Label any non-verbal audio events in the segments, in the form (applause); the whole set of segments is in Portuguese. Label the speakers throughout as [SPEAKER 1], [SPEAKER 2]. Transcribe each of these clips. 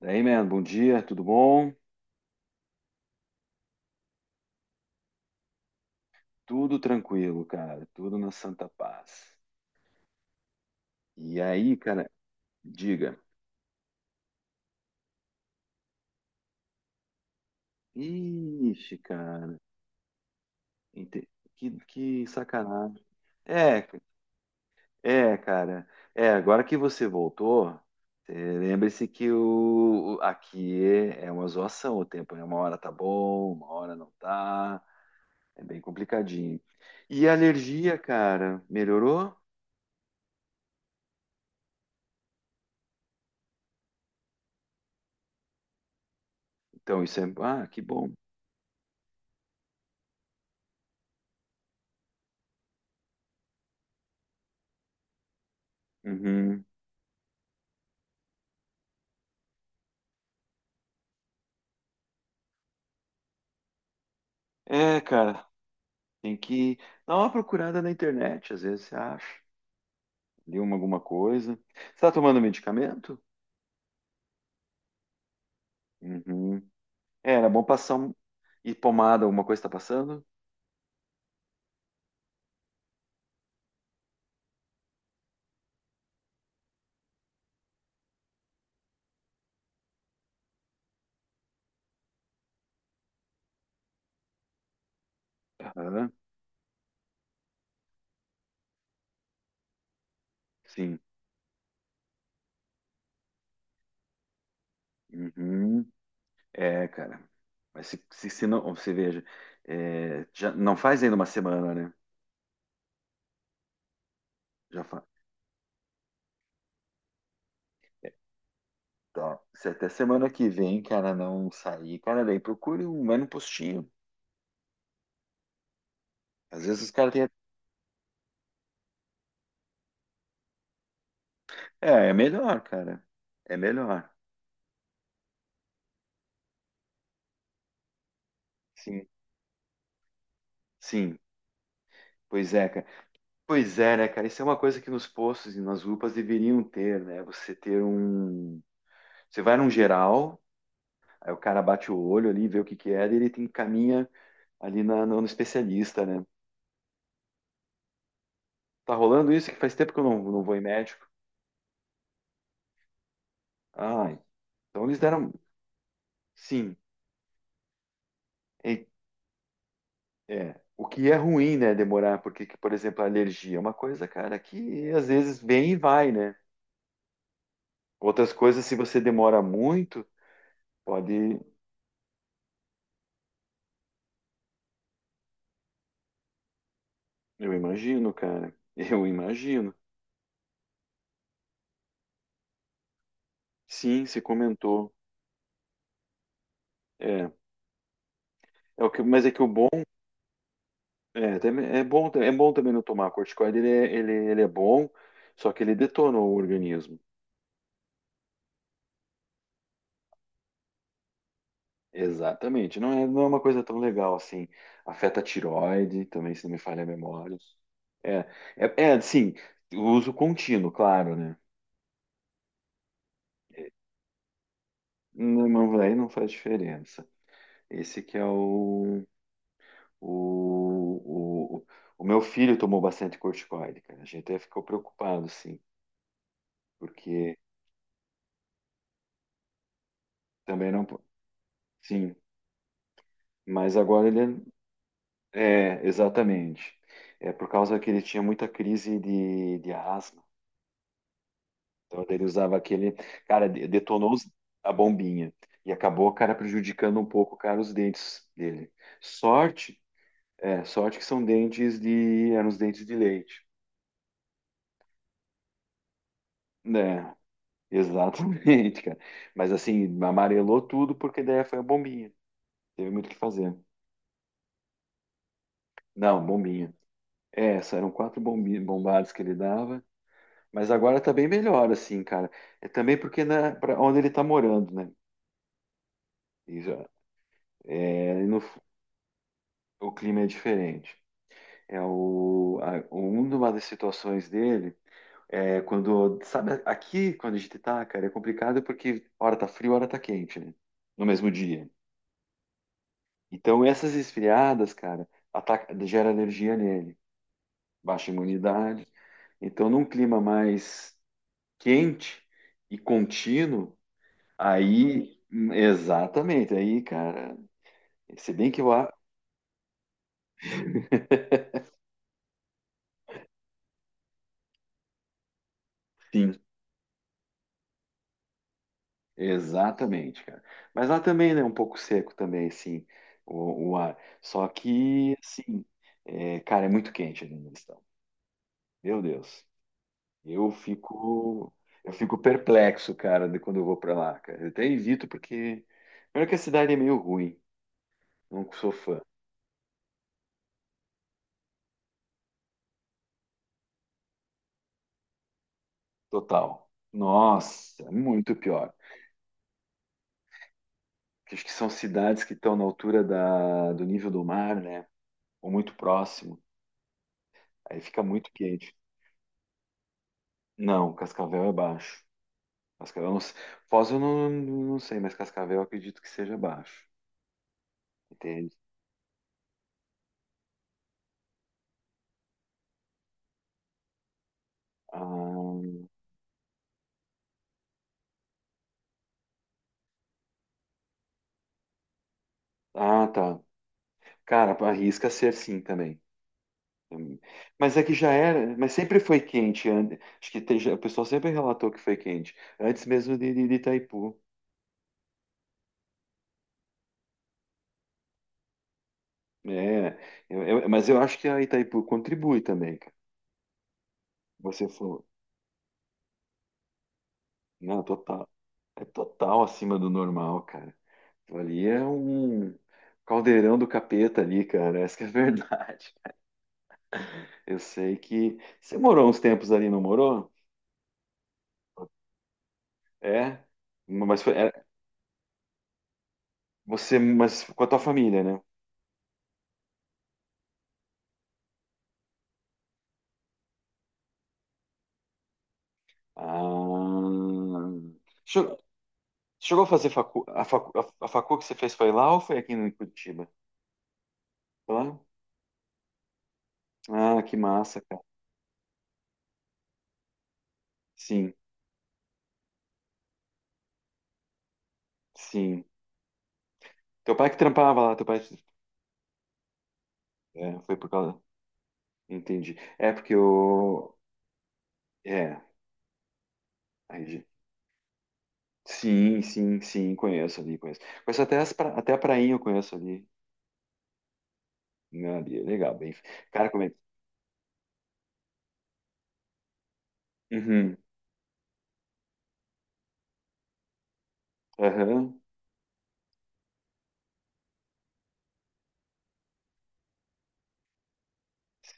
[SPEAKER 1] Daí, man, bom dia, tudo bom? Tudo tranquilo, cara, tudo na santa paz. E aí, cara, diga. Ixi, cara, ente- que sacanagem. É, é, cara, é, agora que você voltou, é, lembre-se que aqui é uma zoação o tempo, né? Uma hora tá bom, uma hora não tá, é bem complicadinho. E a alergia, cara, melhorou? Então, isso é, ah, que bom. Uhum. É, cara, tem que dar uma procurada na internet, às vezes você acha, leu alguma coisa. Você está tomando medicamento? Uhum. É, era bom passar e pomada, alguma coisa está passando? Aham, sim. Uhum. É, cara. Mas se, se, não, você veja, é, já não faz ainda uma semana, né? Já faz. Tá. Se até semana que vem, cara, não sair, cara, daí procure um, vai num postinho. Às vezes os caras têm. É melhor, cara. É melhor. Sim, sim. Pois é, cara. Pois é, né, cara? Isso é uma coisa que nos postos e nas UPAs deveriam ter, né? Você ter um. Você vai num geral, aí o cara bate o olho ali, vê o que que é, daí ele te encaminha ali no especialista, né? Tá rolando isso que faz tempo que eu não vou em médico. Ah, então eles deram. Sim, é, é. O que é ruim, né? Demorar, que, por exemplo, a alergia é uma coisa, cara, que às vezes vem e vai, né? Outras coisas, se você demora muito, pode. Eu imagino, cara. (laughs) Eu imagino. Sim, se comentou. É, é o que, mas é que o bom é bom também não tomar corticoide, ele ele é bom, só que ele detona o organismo. Exatamente. Não é uma coisa tão legal assim. Afeta a tireoide, também se não me falha a memória. É, é, assim, uso contínuo, claro, né? Não, aí não faz diferença. Esse que é o, o, o, o o meu filho tomou bastante corticoide, cara. A gente até ficou preocupado, sim, porque também não. Sim, mas agora ele. É, é, exatamente. É por causa que ele tinha muita crise de asma. Então daí ele usava aquele. Cara, detonou a bombinha. E acabou, cara, prejudicando um pouco, cara, os dentes dele. Sorte, sorte que são dentes de. Eram os dentes de leite. Né, exatamente, (laughs) cara. Mas assim, amarelou tudo porque daí foi a bombinha. Teve muito o que fazer. Não, bombinha. É, essa eram quatro bombadas que ele dava. Mas agora tá bem melhor, assim, cara. É também porque né, para onde ele tá morando, né? E já, é, o clima é diferente. Uma das situações dele é quando, sabe, aqui quando a gente tá, cara, é complicado porque hora tá frio, hora tá quente, né? No mesmo dia. Então essas esfriadas, cara, ataca, gera alergia nele, baixa imunidade. Então num clima mais quente e contínuo. Aí, exatamente, aí, cara, se bem que lá, sim, exatamente, cara. Mas lá também, né, um pouco seco também, assim, o ar. Só que, assim, é, cara, é muito quente ali onde eles estão. Meu Deus, eu fico, eu fico perplexo, cara, de quando eu vou pra lá, cara. Eu até evito porque, primeiro que a cidade é meio ruim, não sou fã, total. Nossa, muito pior. Acho que são cidades que estão na altura do nível do mar, né? Ou muito próximo, aí fica muito quente. Não, Cascavel é baixo. Cascavel, não, Foz eu não sei, mas Cascavel eu acredito que seja baixo. Entende? Ah, ah, tá. Cara, arrisca ser sim também. Mas é que já era, mas sempre foi quente. Acho que tem, o pessoal sempre relatou que foi quente, antes mesmo de Itaipu. É, mas eu acho que a Itaipu contribui também, cara. Você falou, não, total, é total acima do normal, cara. Ali é um caldeirão do capeta ali, cara. (laughs) Essa que é a verdade. Eu sei que você morou uns tempos ali, não morou? É? Mas foi é, você, mas com a tua família, né? Ah, Che- chegou a fazer a facu que você fez foi lá ou foi aqui em Curitiba? Foi lá? Ah, que massa, cara. Sim, sim. Teu pai que trampava lá, teu pai. É, foi por causa. Entendi. É porque eu. É. aí Sim, sim, sim, conheço ali, conheço. Conheço até, até a prainha eu conheço ali. Né, ali, é legal, bem. Cara, como é que. Uhum. Aham.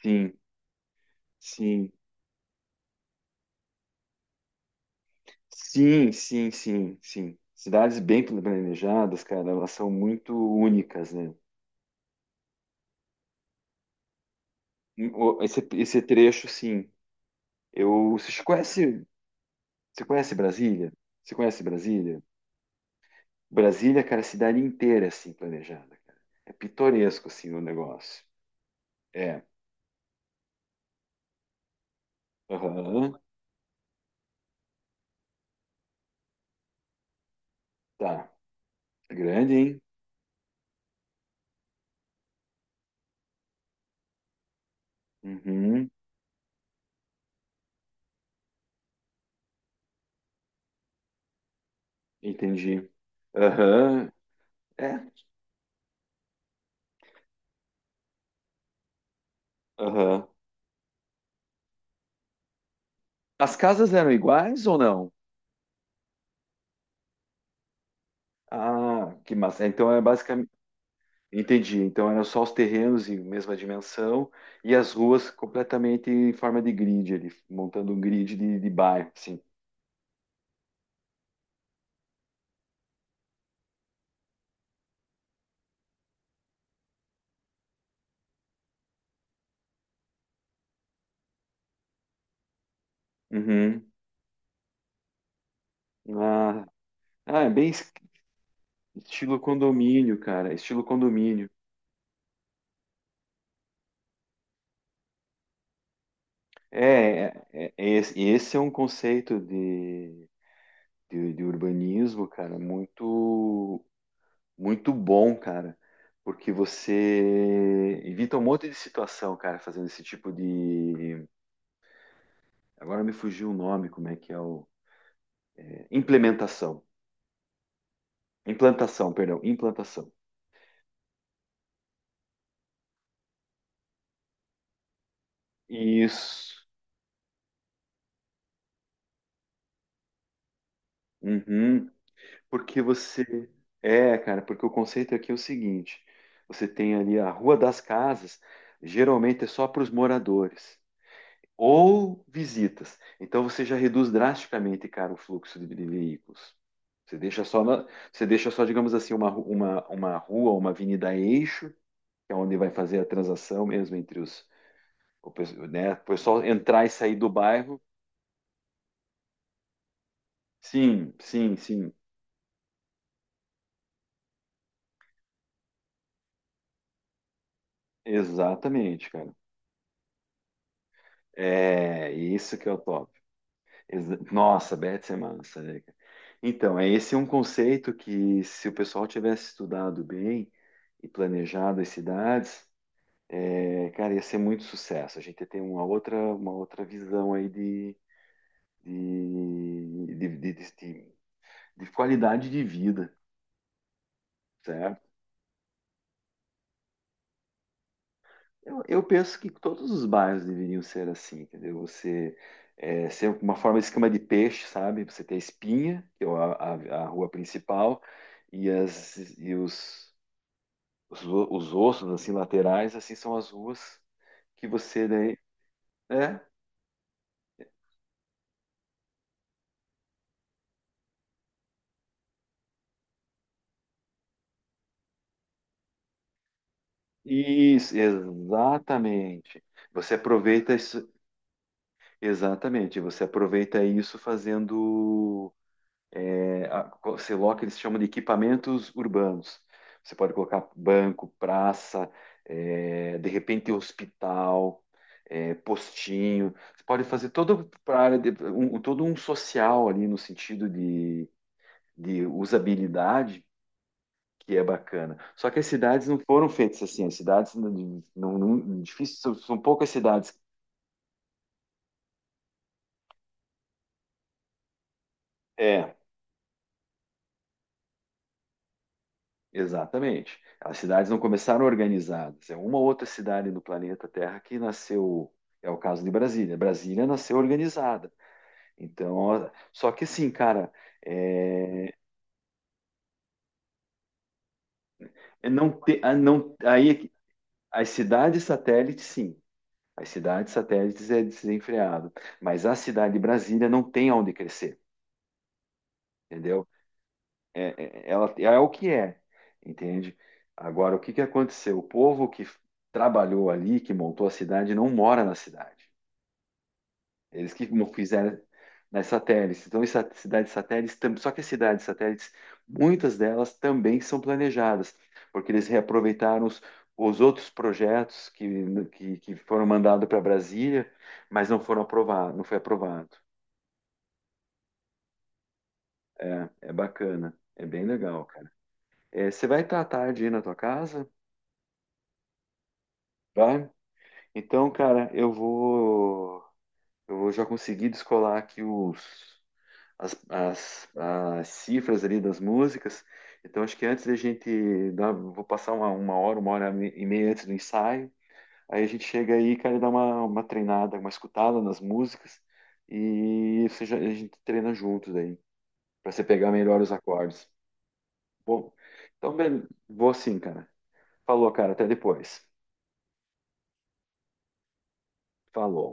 [SPEAKER 1] Sim, sim, sim, sim, sim, sim. Cidades bem planejadas, cara, elas são muito únicas, né? Esse trecho, sim. Eu, você conhece, Você conhece Brasília? Você conhece Brasília? Brasília, cara, é a cidade inteira é assim planejada, cara. É pitoresco, assim, o negócio. É. Aham, tá. Grande, hein? Uhum, entendi. Aham, é, aham. As casas eram iguais ou não? Ah, que massa. Então é basicamente. Entendi. Então eram só os terrenos em mesma dimensão e as ruas completamente em forma de grid ali, montando um grid de bairro, assim. Uhum. Ah, ah, é bem estilo condomínio, cara. Estilo condomínio. É, esse é um conceito de urbanismo, cara, muito bom, cara, porque você evita um monte de situação, cara, fazendo esse tipo de. Agora me fugiu o nome, como é que é o. Implementação. Implantação, perdão, implantação. Isso. Uhum. Porque você. É, cara, porque o conceito aqui é o seguinte: você tem ali a Rua das Casas, geralmente é só para os moradores ou visitas. Então você já reduz drasticamente, cara, o fluxo de veículos. Você deixa só, digamos assim, uma, uma rua, uma avenida eixo, que é onde vai fazer a transação mesmo entre os, né? O pessoal entrar e sair do bairro. Sim, sim, sim, exatamente, cara. É isso que é o top. Nossa, Betis é massa, né, cara? Então, é, esse é um conceito que se o pessoal tivesse estudado bem e planejado as cidades, é, cara, ia ser muito sucesso. A gente tem uma outra visão aí de, de, de, de- de qualidade de vida, certo? Eu penso que todos os bairros deveriam ser assim, entendeu? Você ser uma forma de esquema de peixe, sabe? Você tem a Espinha, que é a rua principal, e os ossos assim laterais, assim são as ruas que você daí, é, isso, exatamente. Você aproveita isso, exatamente. Você aproveita isso fazendo, você coloca, eles chamam de equipamentos urbanos. Você pode colocar banco, praça, de repente hospital, postinho. Você pode fazer todo para área um, todo um social ali no sentido de usabilidade que é bacana. Só que as cidades não foram feitas assim, as cidades não, difícil, são poucas cidades. É, exatamente. As cidades não começaram organizadas. É uma outra cidade do planeta Terra que nasceu, é o caso de Brasília. Brasília nasceu organizada. Então, ó, só que assim, cara, é, é, não ter, ah, não, as cidades satélites, sim. As cidades satélites é desenfreado, mas a cidade de Brasília não tem onde crescer, entendeu? é, é, ela é o que é, entende? Agora, o que que aconteceu? O povo que trabalhou ali, que montou a cidade, não mora na cidade. Eles que fizeram nas satélites. Então, as cidades satélites, só que as cidades satélites, muitas delas também são planejadas, porque eles reaproveitaram os outros projetos que foram mandados para Brasília, mas não foram aprovados, não foi aprovado. É, bacana, é bem legal, cara. É, você vai estar à tarde aí na tua casa? Vai? Então, cara, eu vou, já conseguir descolar aqui os, as cifras ali das músicas. Então, acho que antes da gente dar, vou passar uma hora e meia antes do ensaio. Aí a gente chega aí, cara, e dá uma treinada, uma escutada nas músicas e a gente treina juntos aí, para você pegar melhor os acordes. Bom, então, bem, vou assim, cara. Falou, cara, até depois. Falou.